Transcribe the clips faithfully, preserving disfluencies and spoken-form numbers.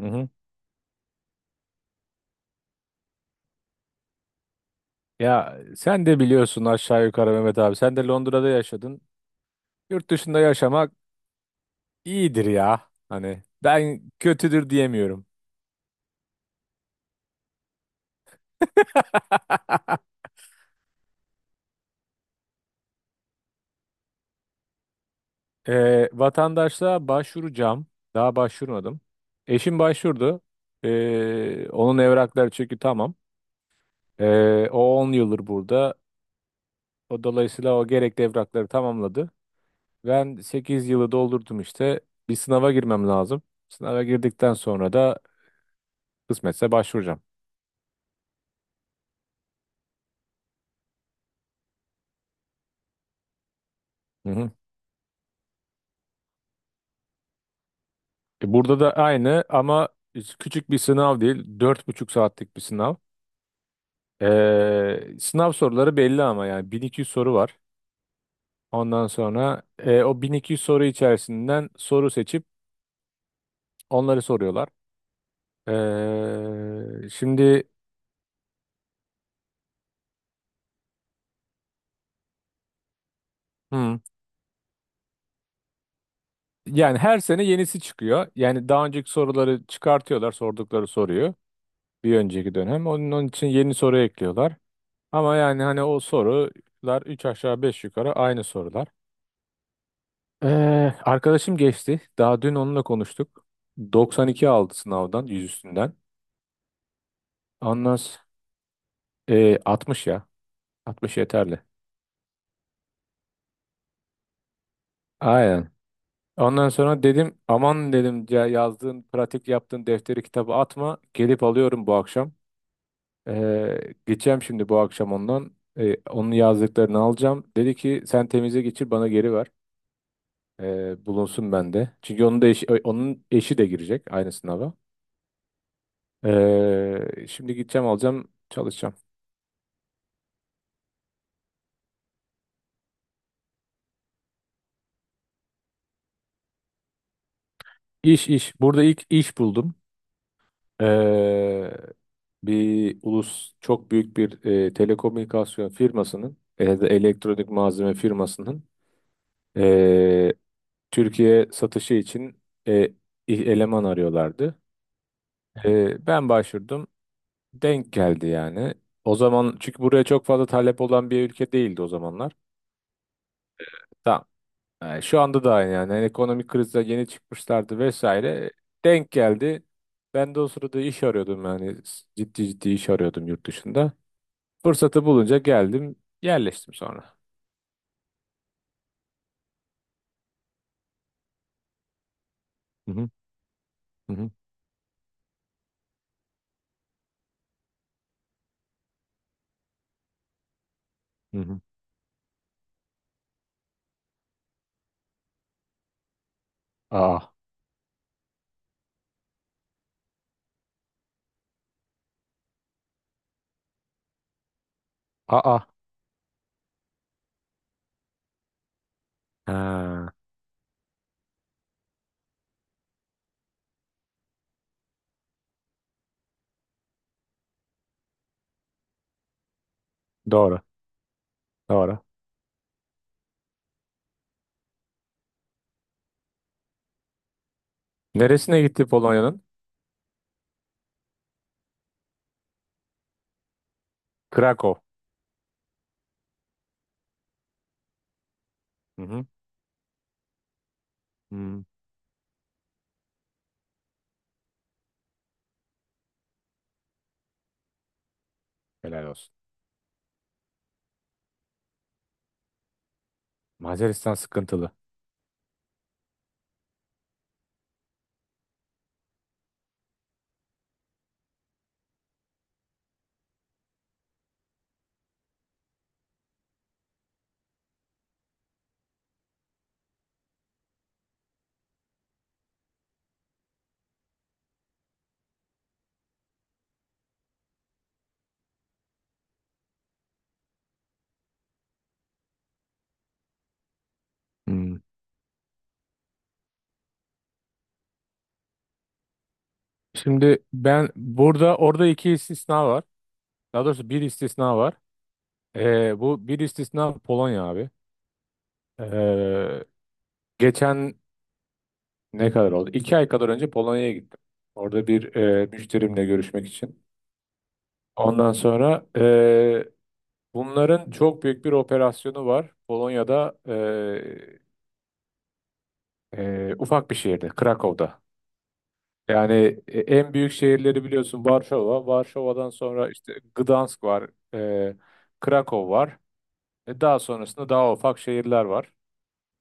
Hı hı. Ya sen de biliyorsun aşağı yukarı Mehmet abi. Sen de Londra'da yaşadın. Yurt dışında yaşamak iyidir ya. Hani ben kötüdür diyemiyorum. Ee, vatandaşlığa başvuracağım. Daha başvurmadım. Eşim başvurdu. Ee, onun evrakları çünkü tamam. Ee, o on yıldır burada. O dolayısıyla o gerekli evrakları tamamladı. Ben sekiz yılı doldurdum işte. Bir sınava girmem lazım. Sınava girdikten sonra da kısmetse başvuracağım. Hı hı. E, Burada da aynı ama küçük bir sınav değil. dört buçuk saatlik bir sınav. Ee, sınav soruları belli ama yani bin iki yüz soru var. Ondan sonra e, o bin iki yüz soru içerisinden soru seçip onları soruyorlar. Ee, şimdi, hmm, yani her sene yenisi çıkıyor. Yani daha önceki soruları çıkartıyorlar sordukları soruyu bir önceki dönem. Onun, onun için yeni soru ekliyorlar. Ama yani hani o sorular üç aşağı beş yukarı aynı sorular. Ee, Arkadaşım geçti. Daha dün onunla konuştuk. doksan iki aldı sınavdan, yüz üstünden. Ondan s- ee, altmış ya. altmış yeterli. Aynen. Ondan sonra dedim aman dedim ya yazdığın, pratik yaptığın defteri kitabı atma. Gelip alıyorum bu akşam. Ee, geçeceğim şimdi bu akşam ondan. Ee, onun yazdıklarını alacağım. Dedi ki sen temize geçir bana geri ver. Ee, bulunsun bende. Çünkü onun da eşi, onun eşi de girecek aynı sınava. Ee, şimdi gideceğim alacağım çalışacağım. İş iş. Burada ilk iş buldum. Ee, Bir ulus çok büyük bir e, telekomünikasyon firmasının e, ya da elektronik malzeme firmasının e, Türkiye satışı için e, i- eleman arıyorlardı. E, ben başvurdum. Denk geldi yani. O zaman çünkü buraya çok fazla talep olan bir ülke değildi o zamanlar. Tamam. Yani şu anda da aynı yani. Yani ekonomik krizde yeni çıkmışlardı vesaire. Denk geldi. Ben de o sırada iş arıyordum yani. Ciddi ciddi iş arıyordum yurt dışında. Fırsatı bulunca geldim, yerleştim sonra. Hı hı, hı hı. Hı hı. Aa. Aa. Ha, doğru, doğru. Neresine gitti Polonya'nın? Krakow. Hı hı. Hı. Helal olsun. Macaristan sıkıntılı. Hı. Şimdi ben burada orada iki istisna var. Daha doğrusu bir istisna var. Ee, bu bir istisna Polonya abi. Ee, Geçen ne kadar oldu? İki ay kadar önce Polonya'ya gittim. Orada bir e, müşterimle görüşmek için. Ondan sonra e, bunların çok büyük bir operasyonu var. Polonya'da, e, e, ufak bir şehirde, Krakow'da. Yani e, en büyük şehirleri biliyorsun Varşova. Varşova'dan sonra işte Gdansk var, e, Krakow var. E, daha sonrasında daha ufak şehirler var.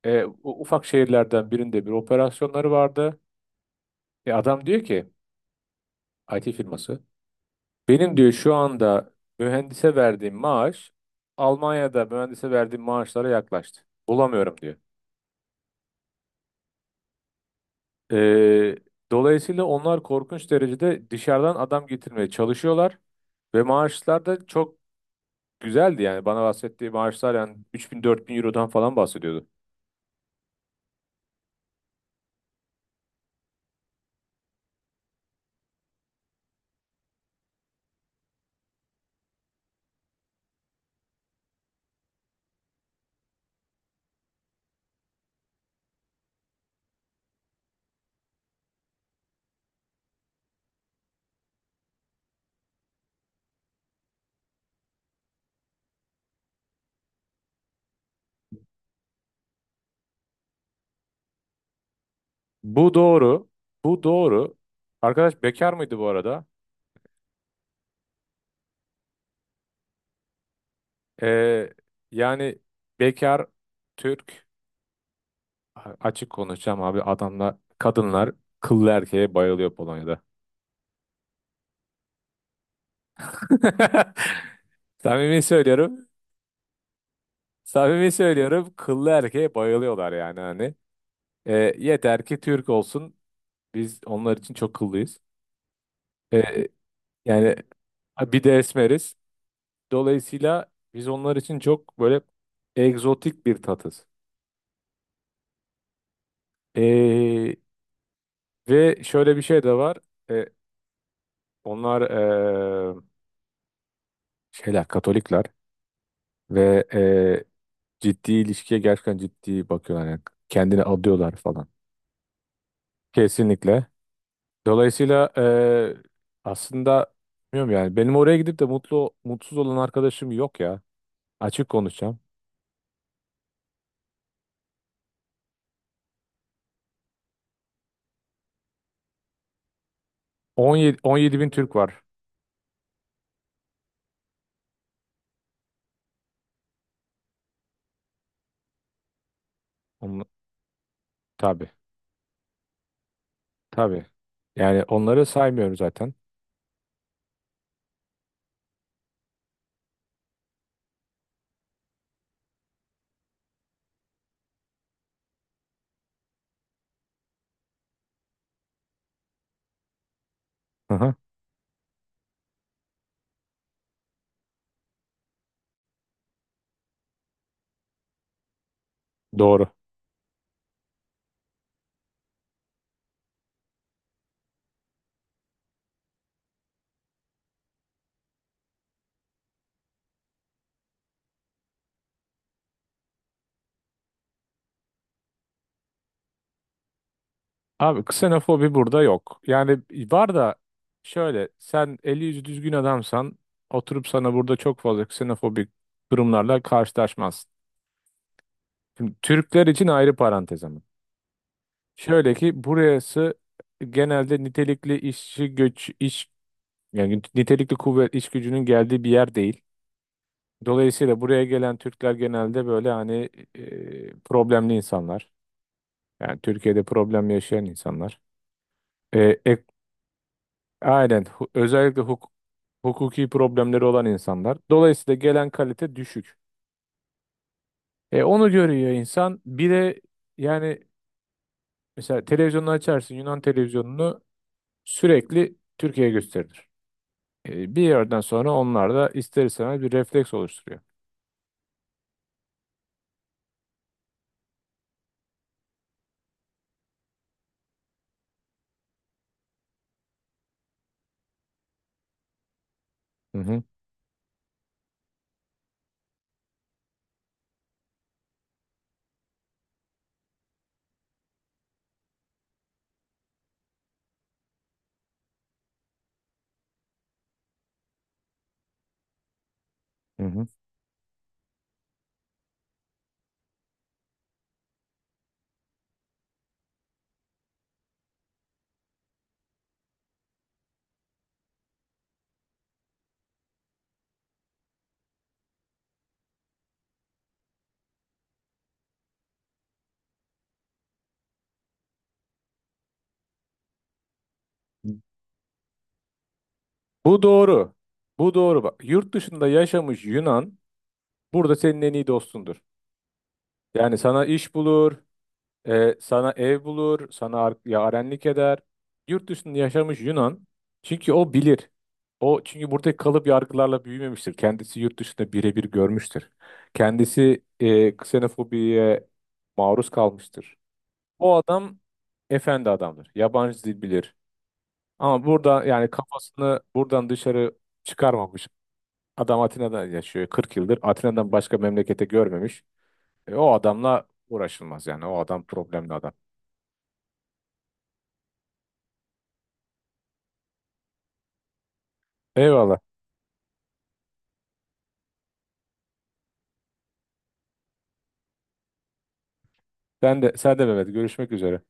E, u- ufak şehirlerden birinde bir operasyonları vardı. E, adam diyor ki I T firması. Benim diyor şu anda mühendise verdiğim maaş Almanya'da mühendise verdiğim maaşlara yaklaştı. Bulamıyorum diyor. Ee, Dolayısıyla onlar korkunç derecede dışarıdan adam getirmeye çalışıyorlar ve maaşlar da çok güzeldi yani bana bahsettiği maaşlar yani üç bin dört bin Euro'dan falan bahsediyordu. Bu doğru. Bu doğru. Arkadaş bekar mıydı bu arada? Ee, Yani bekar Türk, A- açık konuşacağım abi, adamlar, kadınlar kıllı erkeğe bayılıyor Polonya'da. Samimi söylüyorum. Samimi söylüyorum. Kıllı erkeğe bayılıyorlar yani hani. E, yeter ki Türk olsun. Biz onlar için çok kıllıyız. E, Yani bir de esmeriz. Dolayısıyla biz onlar için çok böyle egzotik bir tatız. E, Ve şöyle bir şey de var. E, Onlar e, şeyler, Katolikler. Ve e, ciddi ilişkiye gerçekten ciddi bakıyorlar yani kendini adıyorlar falan. Kesinlikle. Dolayısıyla e, aslında bilmiyorum yani benim oraya gidip de mutlu mutsuz olan arkadaşım yok ya. Açık konuşacağım. on yedi on yedi bin Türk var. Onu, tabii tabii. Yani onları saymıyorum zaten. Hı hı. Doğru. Abi, ksenofobi burada yok. Yani var da, şöyle sen eli yüzü düzgün adamsan oturup sana burada çok fazla ksenofobik durumlarla karşılaşmazsın. Şimdi Türkler için ayrı parantez ama. Şöyle ki burası genelde nitelikli işçi göç iş yani nitelikli kuvvet iş gücünün geldiği bir yer değil. Dolayısıyla buraya gelen Türkler genelde böyle hani e, problemli insanlar. Yani Türkiye'de problem yaşayan insanlar. E, ek- Aynen. Hu- Özellikle hukuk hukuki problemleri olan insanlar. Dolayısıyla gelen kalite düşük. E, onu görüyor insan. Bir de yani mesela televizyonu açarsın Yunan televizyonunu sürekli Türkiye gösterilir. E, bir yerden sonra onlar da ister istemez bir refleks oluşturuyor. Hı hı, hı hı. Bu doğru. Bu doğru bak. Yurt dışında yaşamış Yunan burada senin en iyi dostundur. Yani sana iş bulur, Ee, sana ev bulur, sana ar- yarenlik eder. Yurt dışında yaşamış Yunan. Çünkü o bilir. O çünkü buradaki kalıp yargılarla büyümemiştir. Kendisi yurt dışında birebir görmüştür. Kendisi e, ksenofobiye maruz kalmıştır. O adam efendi adamdır. Yabancı dil bilir. Ama burada yani kafasını buradan dışarı çıkarmamış. Adam Atina'da yaşıyor kırk yıldır. Atina'dan başka memlekete görmemiş. E, o adamla uğraşılmaz yani. O adam problemli adam. Eyvallah. Sen de, sen de Mehmet. Görüşmek üzere.